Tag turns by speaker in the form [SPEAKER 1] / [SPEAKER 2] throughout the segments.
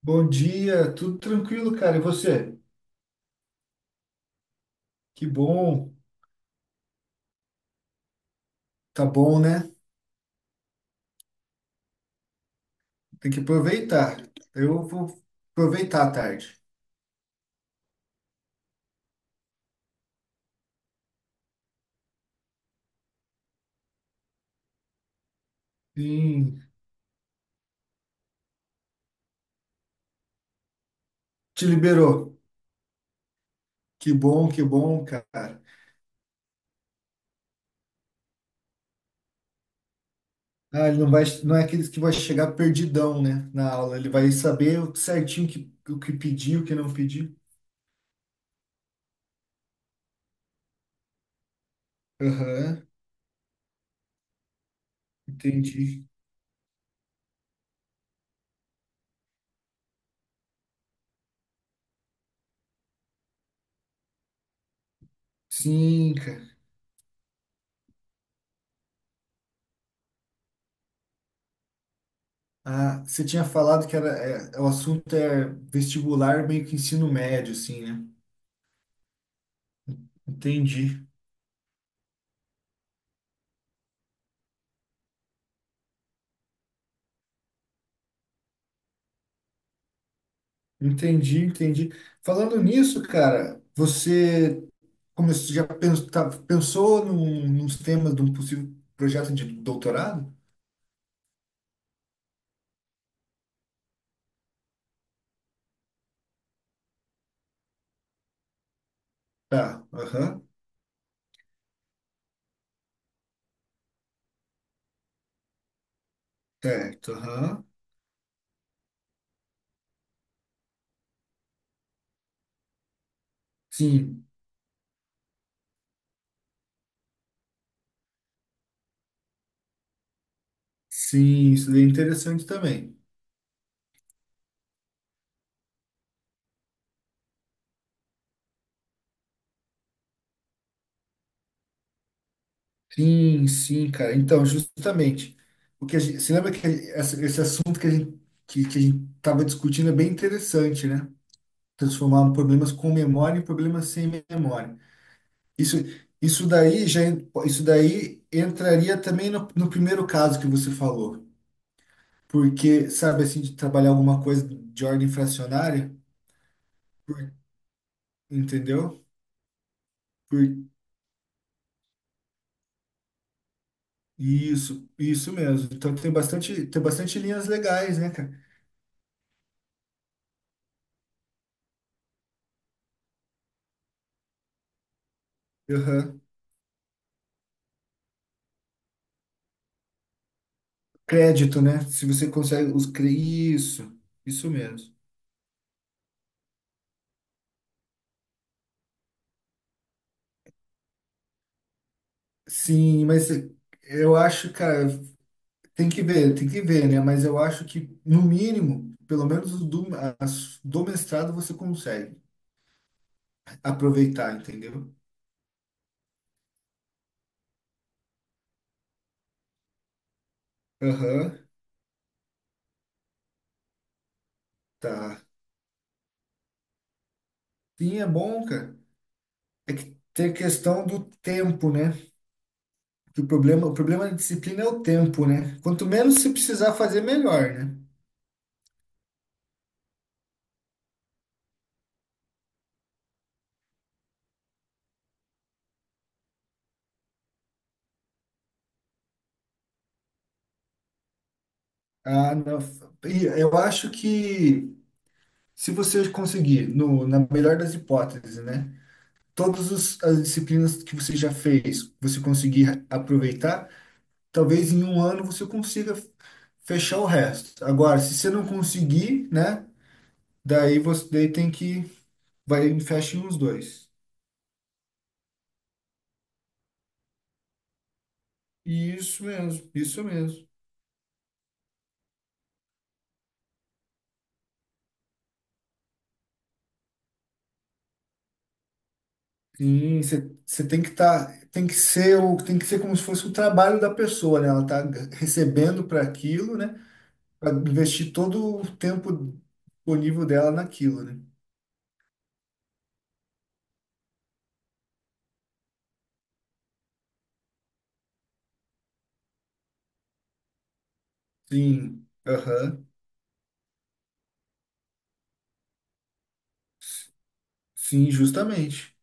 [SPEAKER 1] Bom dia, tudo tranquilo, cara. E você? Que bom, tá bom, né? Tem que aproveitar. Eu vou aproveitar a tarde. Sim, te liberou. Que bom, cara. Ah, ele não vai, não é aqueles que vai chegar perdidão, né, na aula. Ele vai saber o certinho o que pediu, o que não pediu. Aham, entendi. Sim, cara. Ah, você tinha falado que era, é, o assunto é vestibular, meio que ensino médio, assim, né? Entendi. Entendi, entendi. Falando nisso, cara, você como já pensou, tá, pensou nos temas de um possível projeto de doutorado? Tá, aham, certo, aham. Sim, sim, isso daí é interessante também. Sim, sim, cara. Então, justamente, o que a gente, você lembra que esse assunto que a gente, que a gente estava discutindo é bem interessante, né? Transformar problemas com memória em problemas sem memória. Isso, isso daí já, isso daí entraria também no primeiro caso que você falou, porque sabe assim de trabalhar alguma coisa de ordem fracionária, Por- entendeu? Por isso, isso mesmo. Então tem bastante linhas legais, né, cara? Aham. Crédito, né? Se você consegue os isso, isso mesmo. Sim, mas eu acho, cara, tem que ver, tem que ver, né? Mas eu acho que, no mínimo, pelo menos o do, do mestrado você consegue aproveitar, entendeu? Aham, tá. Sim, é bom, cara. É que tem a questão do tempo, né? Que o problema da disciplina é o tempo, né? Quanto menos você precisar fazer, melhor, né? Ah, não. E eu acho que se você conseguir, no, na melhor das hipóteses, né? Todas as disciplinas que você já fez, você conseguir aproveitar. Talvez em um ano você consiga fechar o resto. Agora, se você não conseguir, né? Daí você daí tem que vai fecha em uns dois. Isso mesmo, isso mesmo. Sim, você tem que estar, tem que ser o, tem que ser como se fosse o trabalho da pessoa, né? Ela está recebendo para aquilo, né? Para investir todo o tempo disponível dela naquilo, né? Sim, aham, sim, justamente.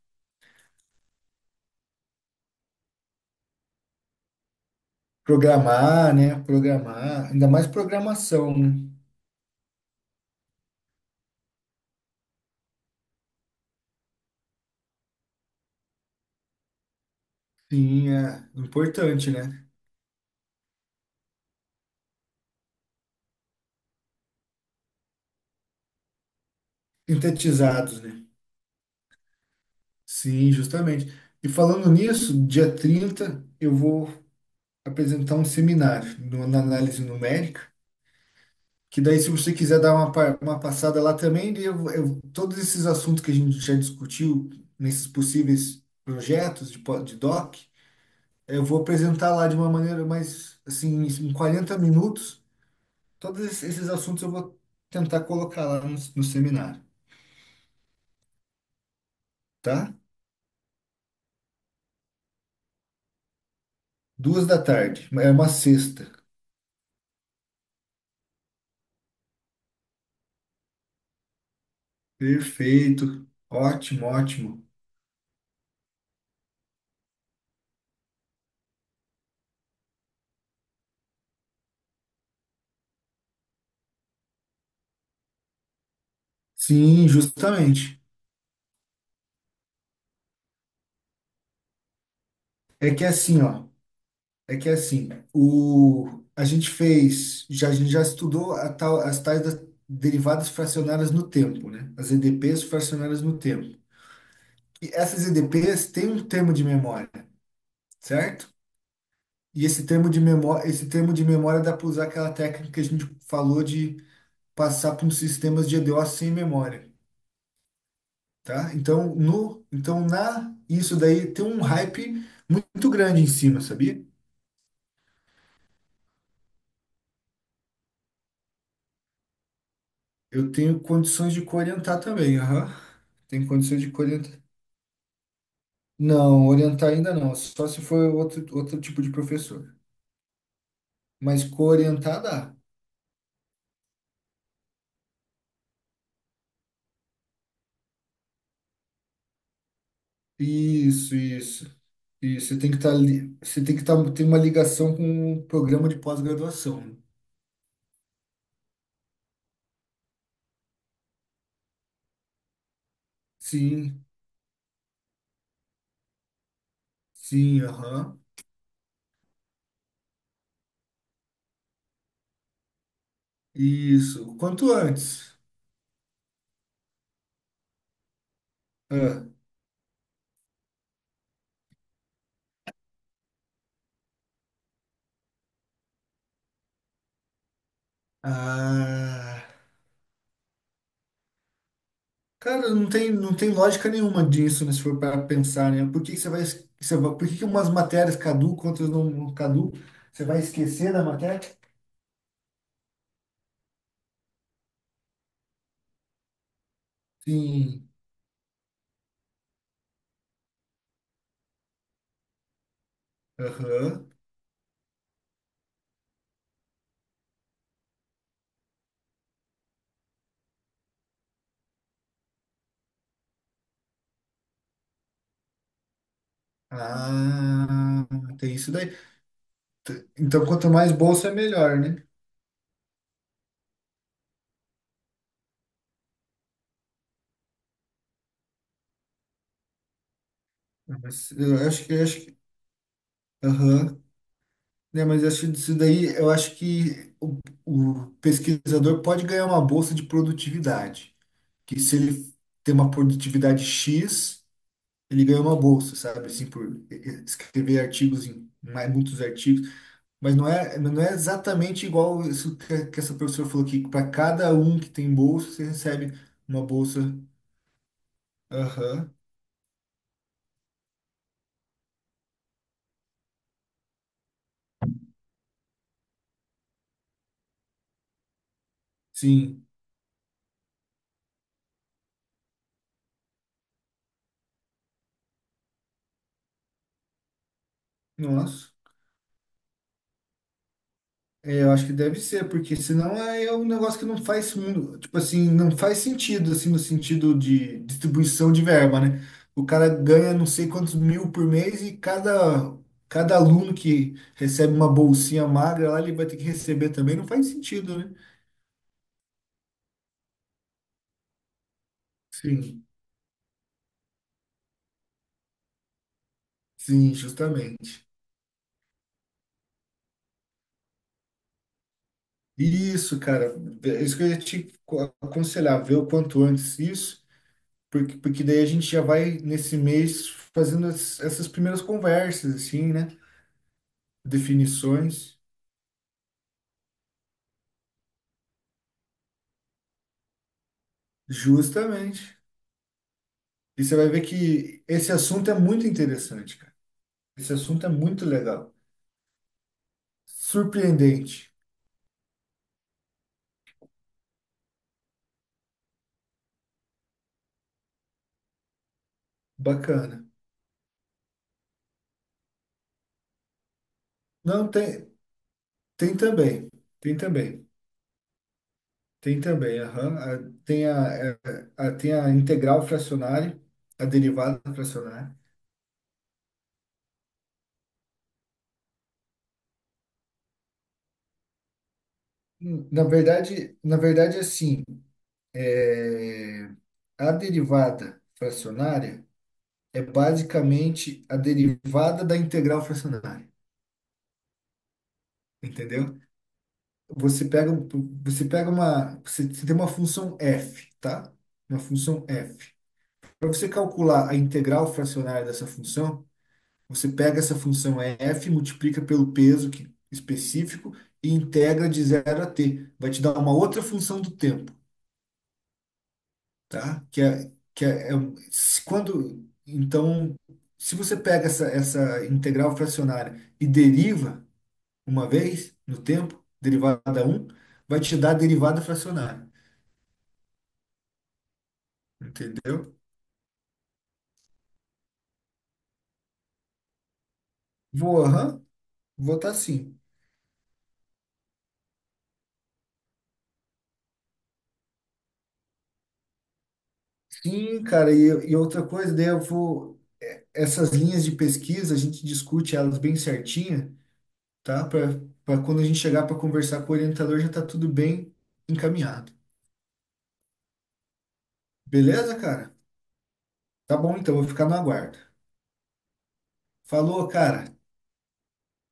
[SPEAKER 1] Programar, né? Programar, ainda mais programação, né? Sim, é importante, né? Sintetizados, né? Sim, justamente. E falando nisso, dia 30 eu vou apresentar um seminário na análise numérica, que daí se você quiser dar uma, uma passada lá também, daí todos esses assuntos que a gente já discutiu nesses possíveis projetos de, de doc, eu vou apresentar lá de uma maneira mais, assim, em 40 minutos, todos esses assuntos eu vou tentar colocar lá no seminário, tá? Duas da tarde. É uma sexta. Perfeito. Ótimo, ótimo. Sim, justamente. É que é assim, ó. É que é assim, o, a gente já estudou as tais das derivadas fracionárias no tempo, né? As EDPs fracionárias no tempo. E essas EDPs têm um termo de memória, certo? E esse termo de memória dá para usar aquela técnica que a gente falou de passar por sistemas de EDO sem memória. Tá? Então, no, então na isso daí tem um hype muito grande em cima, sabia? Eu tenho condições de orientar também, aham. Tenho condições de orientar. Não, orientar ainda não, só se for outro, tipo de professor. Mas coorientar dá. Isso, isso. Isso, você tem que estar ali você tem que estar tem uma ligação com o programa de pós-graduação, né? Sim, sim, aham. Isso. Quanto antes. Ah. Ah. Cara, não tem lógica nenhuma disso, né, se for para pensar, né? Por que que você vai, es- você vai- por que que umas matérias caducam, outras não caducam? Você vai esquecer da matéria? Sim. Aham. Ah, tem isso daí. Então, quanto mais bolsa, é melhor, né? Ah, mas aham. Né, mas eu acho que isso daí, eu acho que o pesquisador pode ganhar uma bolsa de produtividade, que se ele tem uma produtividade X. Ele ganhou uma bolsa, sabe, assim, por escrever artigos muitos artigos, mas não é exatamente igual isso que essa professora falou aqui, que para cada um que tem bolsa, você recebe uma bolsa. Aham, sim, nossa. É, eu acho que deve ser, porque senão é é um negócio que não faz mundo, tipo assim, não faz sentido, assim, no sentido de distribuição de verba, né? O cara ganha não sei quantos mil por mês e cada aluno que recebe uma bolsinha magra lá, ele vai ter que receber também, não faz sentido, né? Sim, sim, justamente. Isso, cara, é isso que eu ia te aconselhar, ver o quanto antes isso, porque daí a gente já vai nesse mês fazendo essas primeiras conversas, assim, né? Definições. Justamente. E você vai ver que esse assunto é muito interessante, cara. Esse assunto é muito legal. Surpreendente. Bacana. Não, tem, tem também. Tem também. Tem também. Aham. Tem tem a integral fracionária, a derivada fracionária. Na verdade, assim, é, a derivada fracionária é basicamente a derivada da integral fracionária. Entendeu? Você pega, um- você você tem uma função f, tá? Uma função f. Para você calcular a integral fracionária dessa função, você pega essa função f, multiplica pelo peso específico e integra de zero a t. Vai te dar uma outra função do tempo, tá? Que é, é um- se- quando, Então, se você pega essa integral fracionária e deriva uma vez no tempo, derivada um vai te dar a derivada fracionária. Entendeu? Vou, aham, vou estar sim. Sim, cara, e outra coisa, daí eu vou. Essas linhas de pesquisa, a gente discute elas bem certinha, tá? Para quando a gente chegar para conversar com o orientador, já tá tudo bem encaminhado. Beleza, cara? Tá bom, então, vou ficar no aguardo. Falou, cara.